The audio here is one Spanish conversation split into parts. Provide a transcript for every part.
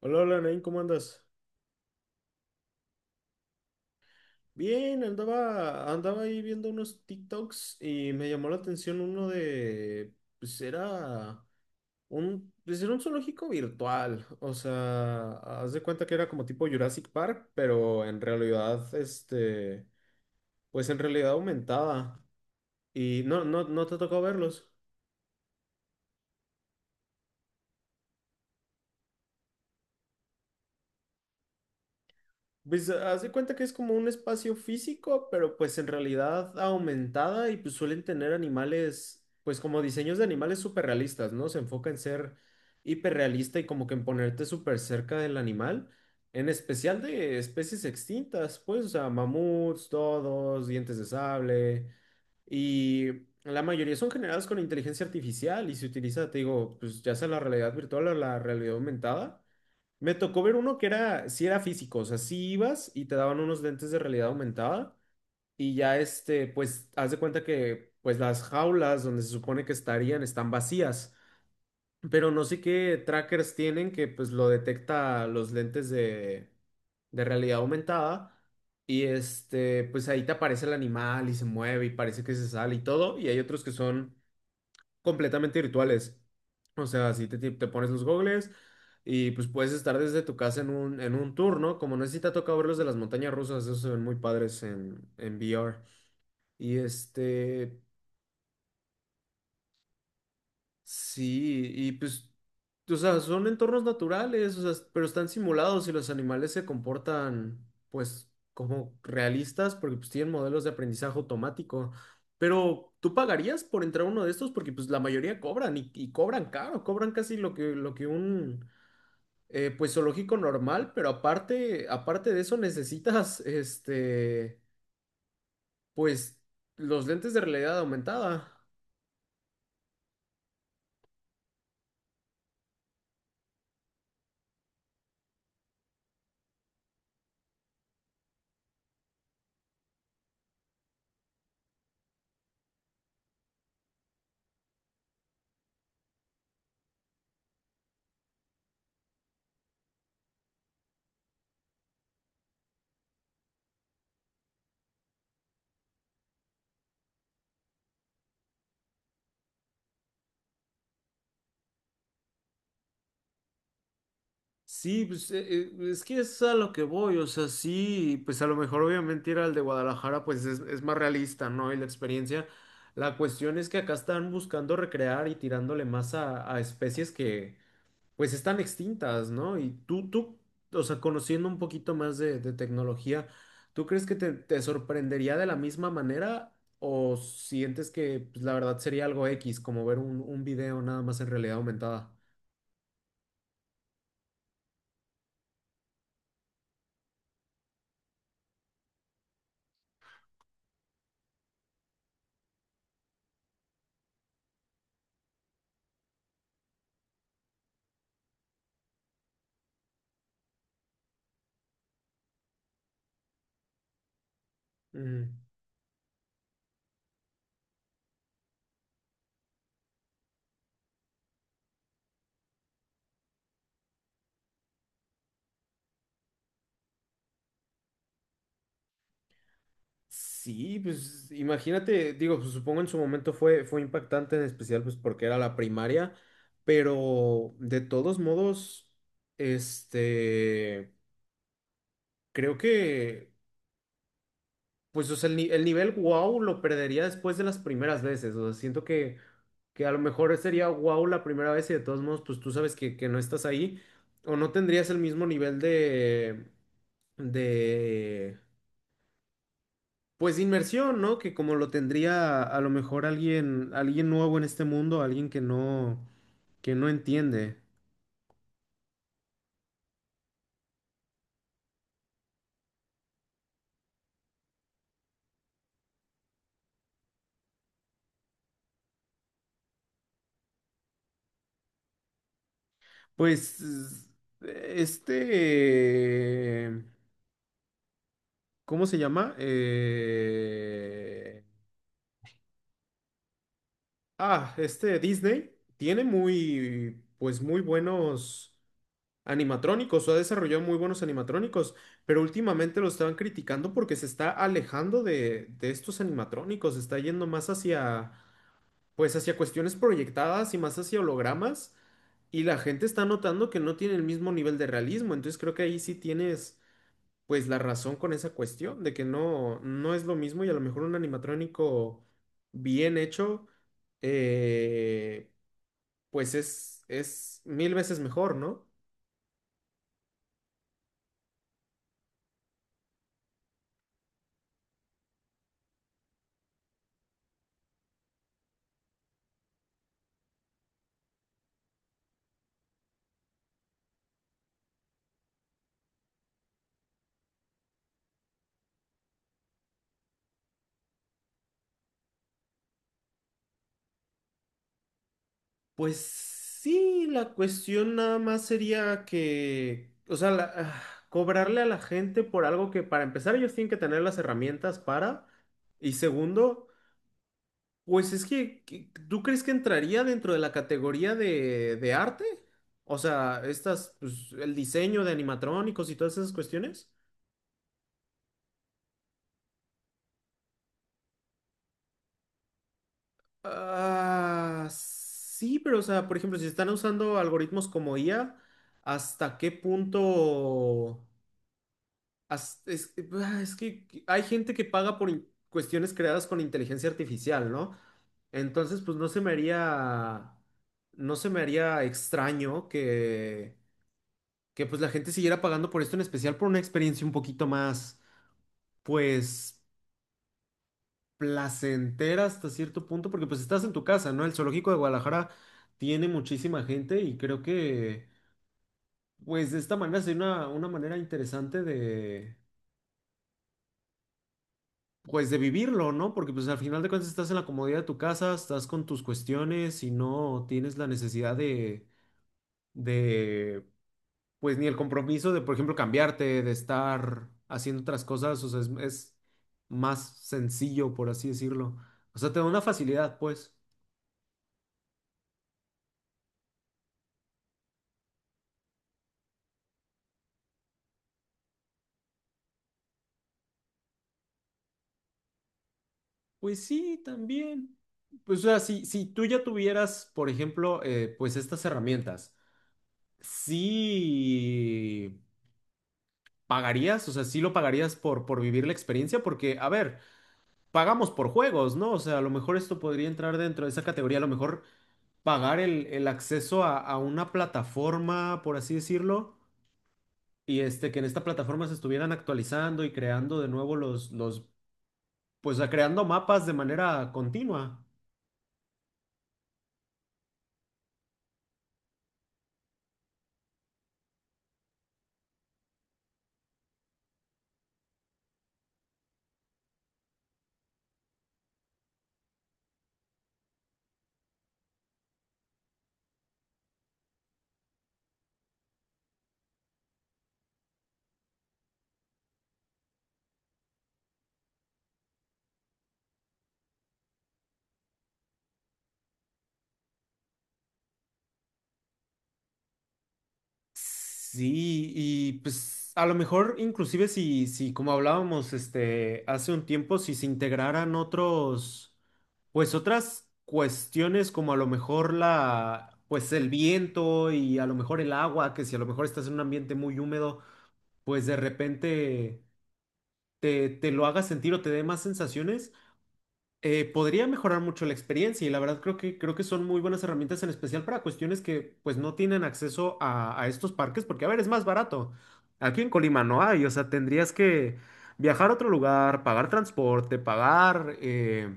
Hola, hola, Nain, ¿cómo andas? Bien, andaba ahí viendo unos TikToks y me llamó la atención uno de, pues era un zoológico virtual, o sea, haz de cuenta que era como tipo Jurassic Park, pero en realidad, pues en realidad aumentada y no te tocó verlos. Pues haz de cuenta que es como un espacio físico, pero pues en realidad aumentada y pues suelen tener animales, pues como diseños de animales súper realistas, ¿no? Se enfoca en ser hiperrealista y como que en ponerte súper cerca del animal, en especial de especies extintas, pues, o sea, mamuts, todos, dientes de sable y la mayoría son generados con inteligencia artificial y se utiliza, te digo, pues ya sea la realidad virtual o la realidad aumentada. Me tocó ver uno que era, sí era físico, o sea, sí ibas y te daban unos lentes de realidad aumentada y ya pues, haz de cuenta que, pues, las jaulas donde se supone que estarían están vacías, pero no sé qué trackers tienen que, pues, lo detecta los lentes de realidad aumentada y pues ahí te aparece el animal y se mueve y parece que se sale y todo y hay otros que son completamente virtuales. O sea, si te, te pones los gogles y pues puedes estar desde tu casa en un tour, ¿no? Como no sé si te ha tocado ver los de las montañas rusas, esos se ven muy padres en VR. Y sí, y pues, o sea, son entornos naturales, o sea, pero están simulados y los animales se comportan, pues, como realistas porque pues tienen modelos de aprendizaje automático. Pero tú pagarías por entrar a uno de estos porque pues la mayoría cobran y cobran caro, cobran casi lo que un, pues, zoológico normal, pero aparte, aparte de eso necesitas, pues, los lentes de realidad aumentada. Sí, pues es que es a lo que voy, o sea, sí, pues a lo mejor obviamente ir al de Guadalajara pues es más realista, ¿no? Y la experiencia, la cuestión es que acá están buscando recrear y tirándole más a especies que pues están extintas, ¿no? Y tú, o sea, conociendo un poquito más de tecnología, ¿tú crees que te sorprendería de la misma manera o sientes que pues, la verdad sería algo X, como ver un video nada más en realidad aumentada? Ujú. Sí, pues imagínate, digo, pues, supongo en su momento fue, fue impactante, en especial pues porque era la primaria, pero de todos modos, este, creo que, pues o sea, el, el nivel wow lo perdería después de las primeras veces, o sea, siento que a lo mejor sería wow la primera vez y de todos modos, pues tú sabes que no estás ahí, o no tendrías el mismo nivel de, pues de inmersión, ¿no? Que como lo tendría a lo mejor alguien, alguien nuevo en este mundo, alguien que no entiende. Pues este, ¿cómo se llama? Este Disney tiene muy, pues muy buenos animatrónicos, o ha desarrollado muy buenos animatrónicos, pero últimamente lo estaban criticando porque se está alejando de estos animatrónicos, se está yendo más hacia pues hacia cuestiones proyectadas y más hacia hologramas, y la gente está notando que no tiene el mismo nivel de realismo, entonces creo que ahí sí tienes pues la razón con esa cuestión de que no, no es lo mismo y a lo mejor un animatrónico bien hecho, eh, pues es mil veces mejor, ¿no? Pues sí, la cuestión nada más sería que, o sea, cobrarle a la gente por algo que para empezar ellos tienen que tener las herramientas para, y segundo, pues es que, ¿tú crees que entraría dentro de la categoría de arte? O sea, estas, pues, el diseño de animatrónicos y todas esas cuestiones. Ah, sí, pero o sea, por ejemplo, si están usando algoritmos como IA, ¿hasta qué punto? Es que hay gente que paga por cuestiones creadas con inteligencia artificial, ¿no? Entonces, pues no se me haría, no se me haría extraño que pues la gente siguiera pagando por esto, en especial por una experiencia un poquito más, pues, placentera hasta cierto punto, porque pues estás en tu casa, ¿no? El zoológico de Guadalajara tiene muchísima gente y creo que, pues, de esta manera sería una manera interesante de pues de vivirlo, ¿no? Porque pues al final de cuentas estás en la comodidad de tu casa, estás con tus cuestiones y no tienes la necesidad de, pues ni el compromiso de, por ejemplo, cambiarte, de estar haciendo otras cosas, o sea, es más sencillo, por así decirlo. O sea, te da una facilidad, pues. Pues sí, también. Pues o sea, si, si tú ya tuvieras, por ejemplo, pues estas herramientas, sí pagarías, o sea, sí lo pagarías por vivir la experiencia, porque, a ver, pagamos por juegos, ¿no? O sea, a lo mejor esto podría entrar dentro de esa categoría, a lo mejor pagar el acceso a una plataforma, por así decirlo, y que en esta plataforma se estuvieran actualizando y creando de nuevo los, pues creando mapas de manera continua. Sí, y pues a lo mejor inclusive si, si como hablábamos este hace un tiempo, si se integraran otros, pues otras cuestiones como a lo mejor la, pues el viento y a lo mejor el agua, que si a lo mejor estás en un ambiente muy húmedo, pues de repente te, te lo haga sentir o te dé más sensaciones podría mejorar mucho la experiencia y la verdad creo que son muy buenas herramientas en especial para cuestiones que pues no tienen acceso a estos parques porque a ver, es más barato. Aquí en Colima no hay, o sea, tendrías que viajar a otro lugar, pagar transporte, pagar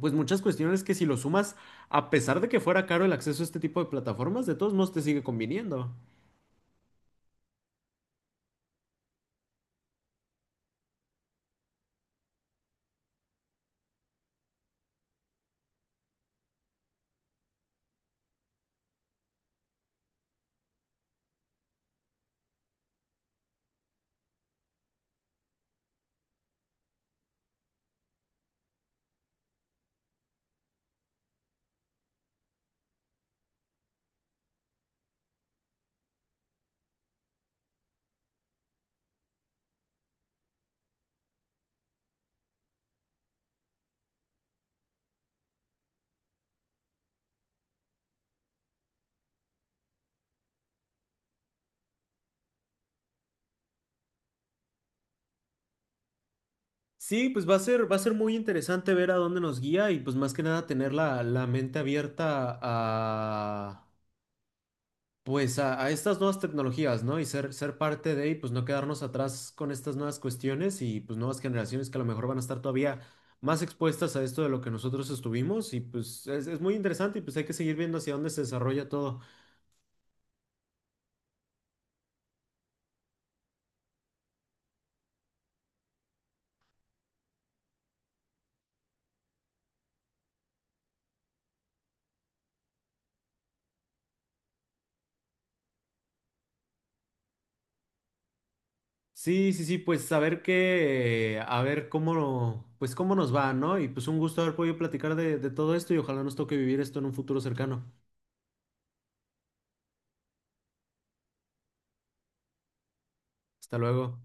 pues muchas cuestiones que si lo sumas, a pesar de que fuera caro el acceso a este tipo de plataformas, de todos modos te sigue conviniendo. Sí, pues va a ser muy interesante ver a dónde nos guía y pues más que nada tener la, la mente abierta a pues a estas nuevas tecnologías, ¿no? Y ser, ser parte de, y pues no quedarnos atrás con estas nuevas cuestiones y pues nuevas generaciones que a lo mejor van a estar todavía más expuestas a esto de lo que nosotros estuvimos y pues es muy interesante y pues hay que seguir viendo hacia dónde se desarrolla todo. Sí, sí, sí, pues saber ver qué, a ver cómo, pues cómo nos va, ¿no? Y pues un gusto haber podido platicar de todo esto y ojalá nos toque vivir esto en un futuro cercano. Hasta luego.